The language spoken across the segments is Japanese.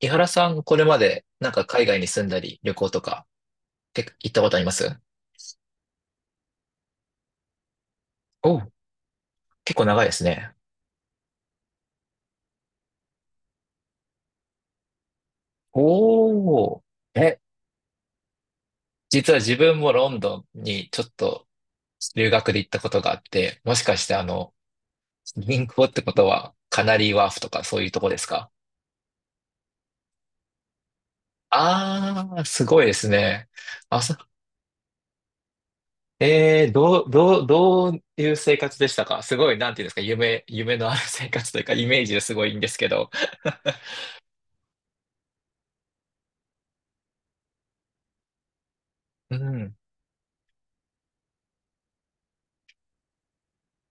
井原さん、これまでなんか海外に住んだり旅行とかって行ったことあります？おう、結構長いですね。おー。え、実は自分もロンドンにちょっと留学で行ったことがあって、もしかして銀行ってことはカナリーワーフとかそういうとこですか？あー、すごいですね。あ、そ、えー、どう、どう、どういう生活でしたか？すごい、なんていうんですか、夢のある生活というか、イメージですごいいいんですけど。うん、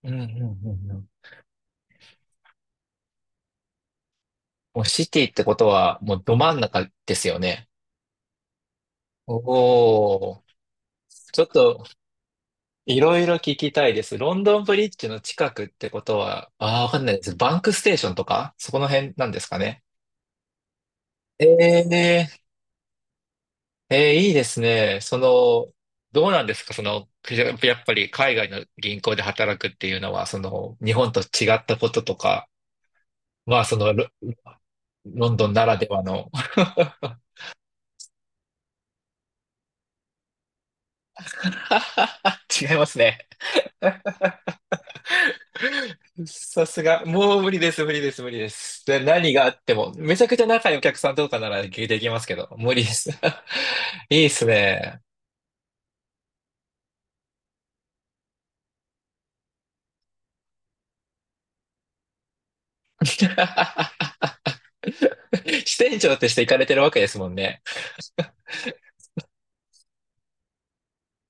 うん、うん、うん。うん、もうシティってことは、もうど真ん中ですよね。おお、ちょっといろいろ聞きたいです。ロンドンブリッジの近くってことは、ああ、わかんないです。バンクステーションとか、そこの辺なんですかね。ええ。いいですね。その、どうなんですかその、やっぱり海外の銀行で働くっていうのは、その、日本と違ったこととか、まあ、その、ロンドンならではの。 違いますね。さすが、もう無理です、無理です、無理です。で、何があっても、めちゃくちゃ仲いいお客さんとかなら聞いていきますけど、無理です。いいっすね。支店長として行かれてるわけですもんね。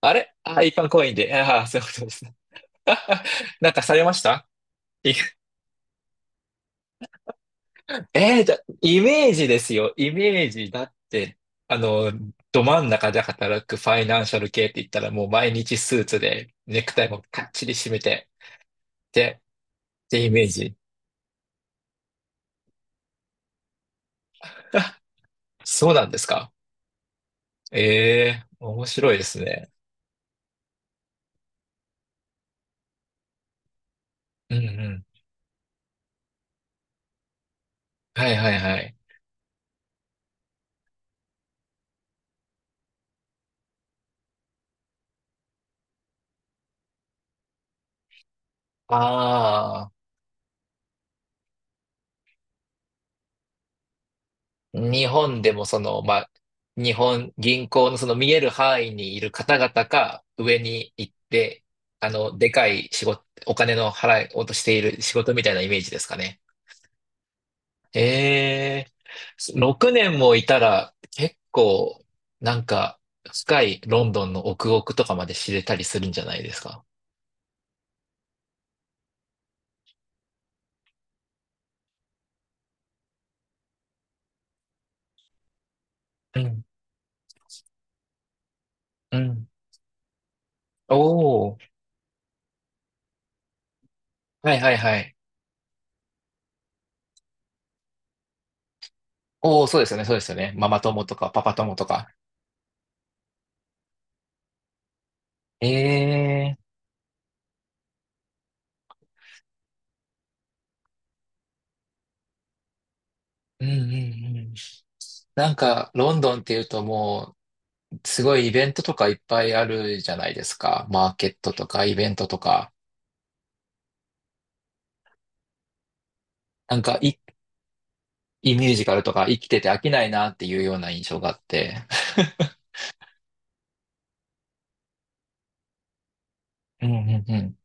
あれあ、一般公員で。ああ、そういうことですね。なんかされました？い イメージですよ。イメージだって、あの、ど真ん中で働くファイナンシャル系って言ったらもう毎日スーツでネクタイもかっちり締めて、で、ってイメージ。そうなんですか。ええ、面白いですね。うんうん。はいはいはい。ああ、日本でもその、まあ、日本銀行のその見える範囲にいる方々か上に行って、でかい仕事、お金の払いをとしている仕事みたいなイメージですかね。ええ、6年もいたら結構、なんか、深いロンドンの奥奥とかまで知れたりするんじゃないですか。うん、うん。おはいはいはい。おお、そうですよね、そうですよね。ママ友とかパパ友とか。ええー、うんうんうん。なんか、ロンドンっていうともう、すごいイベントとかいっぱいあるじゃないですか。マーケットとかイベントとか。なんかい、いいミュージカルとか生きてて飽きないなっていうような印象があって。うんうんうん。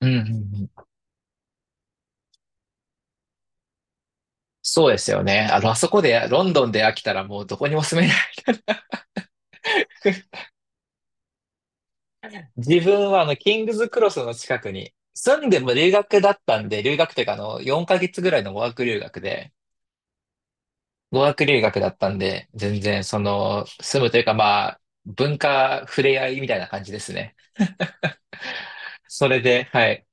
うんうんうん。そうですよね。あの、あそこで、ロンドンで飽きたらもうどこにも住めな。自分はキングズクロスの近くに、住んでも留学だったんで、留学というか4ヶ月ぐらいの語学留学で、語学留学だったんで、全然その、住むというかまあ、文化触れ合いみたいな感じですね。それで、はい。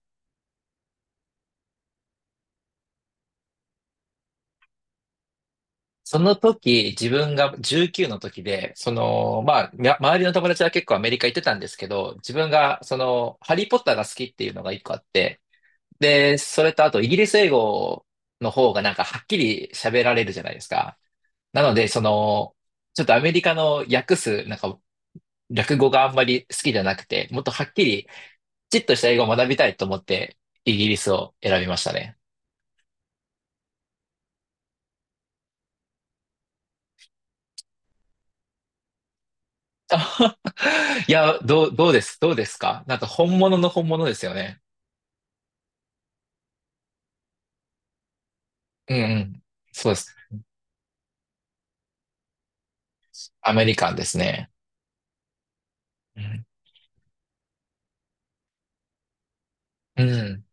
その時、自分が19の時で、その、まあ、周りの友達は結構アメリカ行ってたんですけど、自分が、その、ハリー・ポッターが好きっていうのが一個あって、で、それとあと、イギリス英語の方がなんかはっきり喋られるじゃないですか。なので、その、ちょっとアメリカの訳す、なんか、略語があんまり好きじゃなくて、もっとはっきり、きちっとした英語を学びたいと思って、イギリスを選びましたね。あいや、どうですか？なんか本物の本物ですよね。うんうん。そうです。アメリカンですね。うん。うん。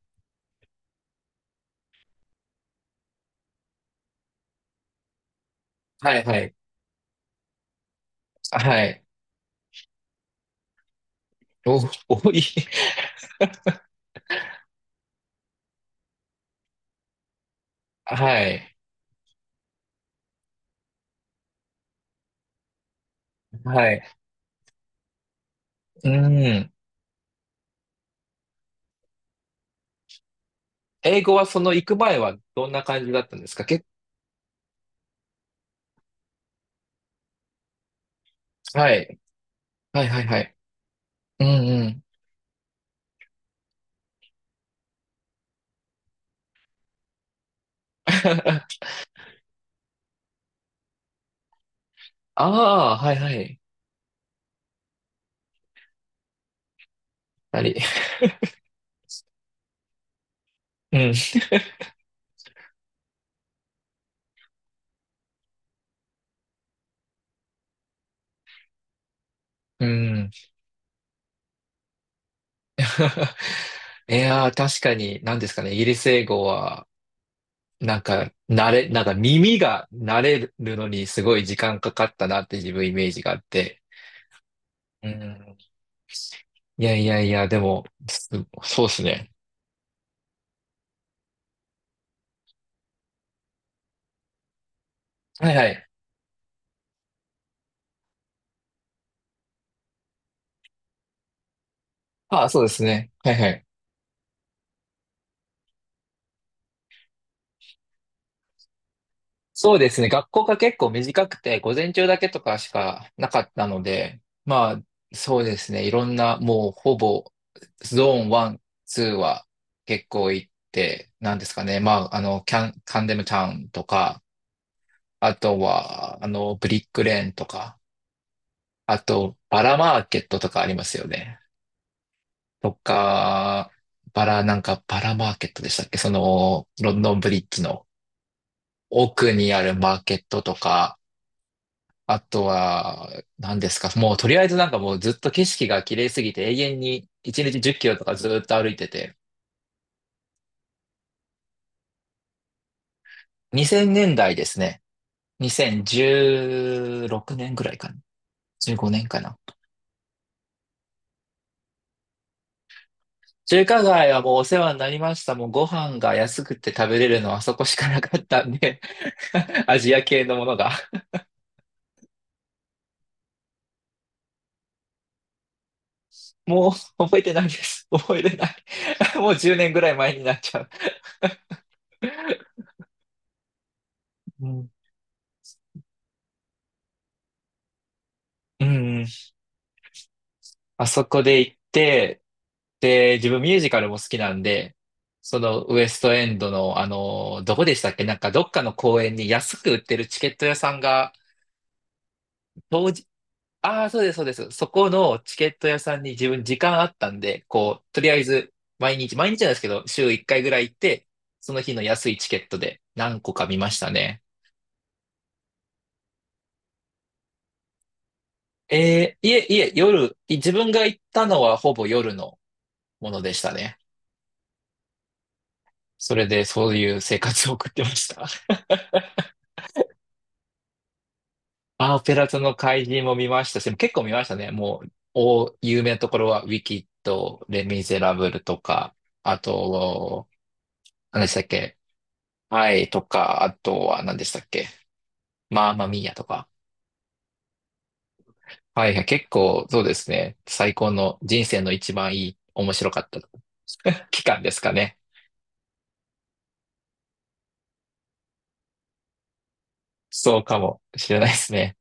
はいはい。はい。お、多い。はい。はい。うん。英語はその行く前はどんな感じだったんですかけ。はい。はいはいはい。うん。 ああ、はいはい。あり、うん、うん。いやー、確かに、何ですかね、イギリス英語は、なんか、なんか耳が慣れるのにすごい時間かかったなって自分イメージがあって。うん。いやいやいや、でも、そうですね。はいはい。ああ、そうですね。はいはい。そうですね。学校が結構短くて、午前中だけとかしかなかったので、まあ、そうですね。いろんな、もうほぼ、ゾーン1、2は結構行って、なんですかね。まあ、あの、キャン、カンデムタウンとか、あとは、ブリックレーンとか、あと、バラマーケットとかありますよね。とか、バラ、なんか、バラマーケットでしたっけ？その、ロンドンブリッジの奥にあるマーケットとか、あとは、何ですか。もうとりあえずなんかもうずっと景色が綺麗すぎて永遠に1日10キロとかずっと歩いてて。2000年代ですね。2016年ぐらいかな。15年かな。中華街はもうお世話になりました。もうご飯が安くて食べれるのはあそこしかなかったんで、アジア系のものが。もう覚えてないです。覚えてない。もう10年ぐらい前になっちゃう。うん、うんうん。あそこで行って、で、自分ミュージカルも好きなんで、そのウエストエンドの、どこでしたっけ？なんかどっかの公園に安く売ってるチケット屋さんが、当時、ああ、そうです、そうです。そこのチケット屋さんに自分時間あったんで、こう、とりあえず、毎日、毎日なんですけど、週1回ぐらい行って、その日の安いチケットで何個か見ましたね。いえ、いえ、自分が行ったのはほぼ夜のものでしたね。それでそういう生活を送ってました。あ、オペラ座の怪人も見ましたし、結構見ましたね。もう、有名なところは、ウィキッド、レ・ミゼラブルとか、あと、何でしたっけ？はい、とか、あとは何でしたっけ？マーマミーヤとか。はいはい、結構、そうですね。最高の、人生の一番いい、面白かった 期間ですかね。そうかもしれないですね。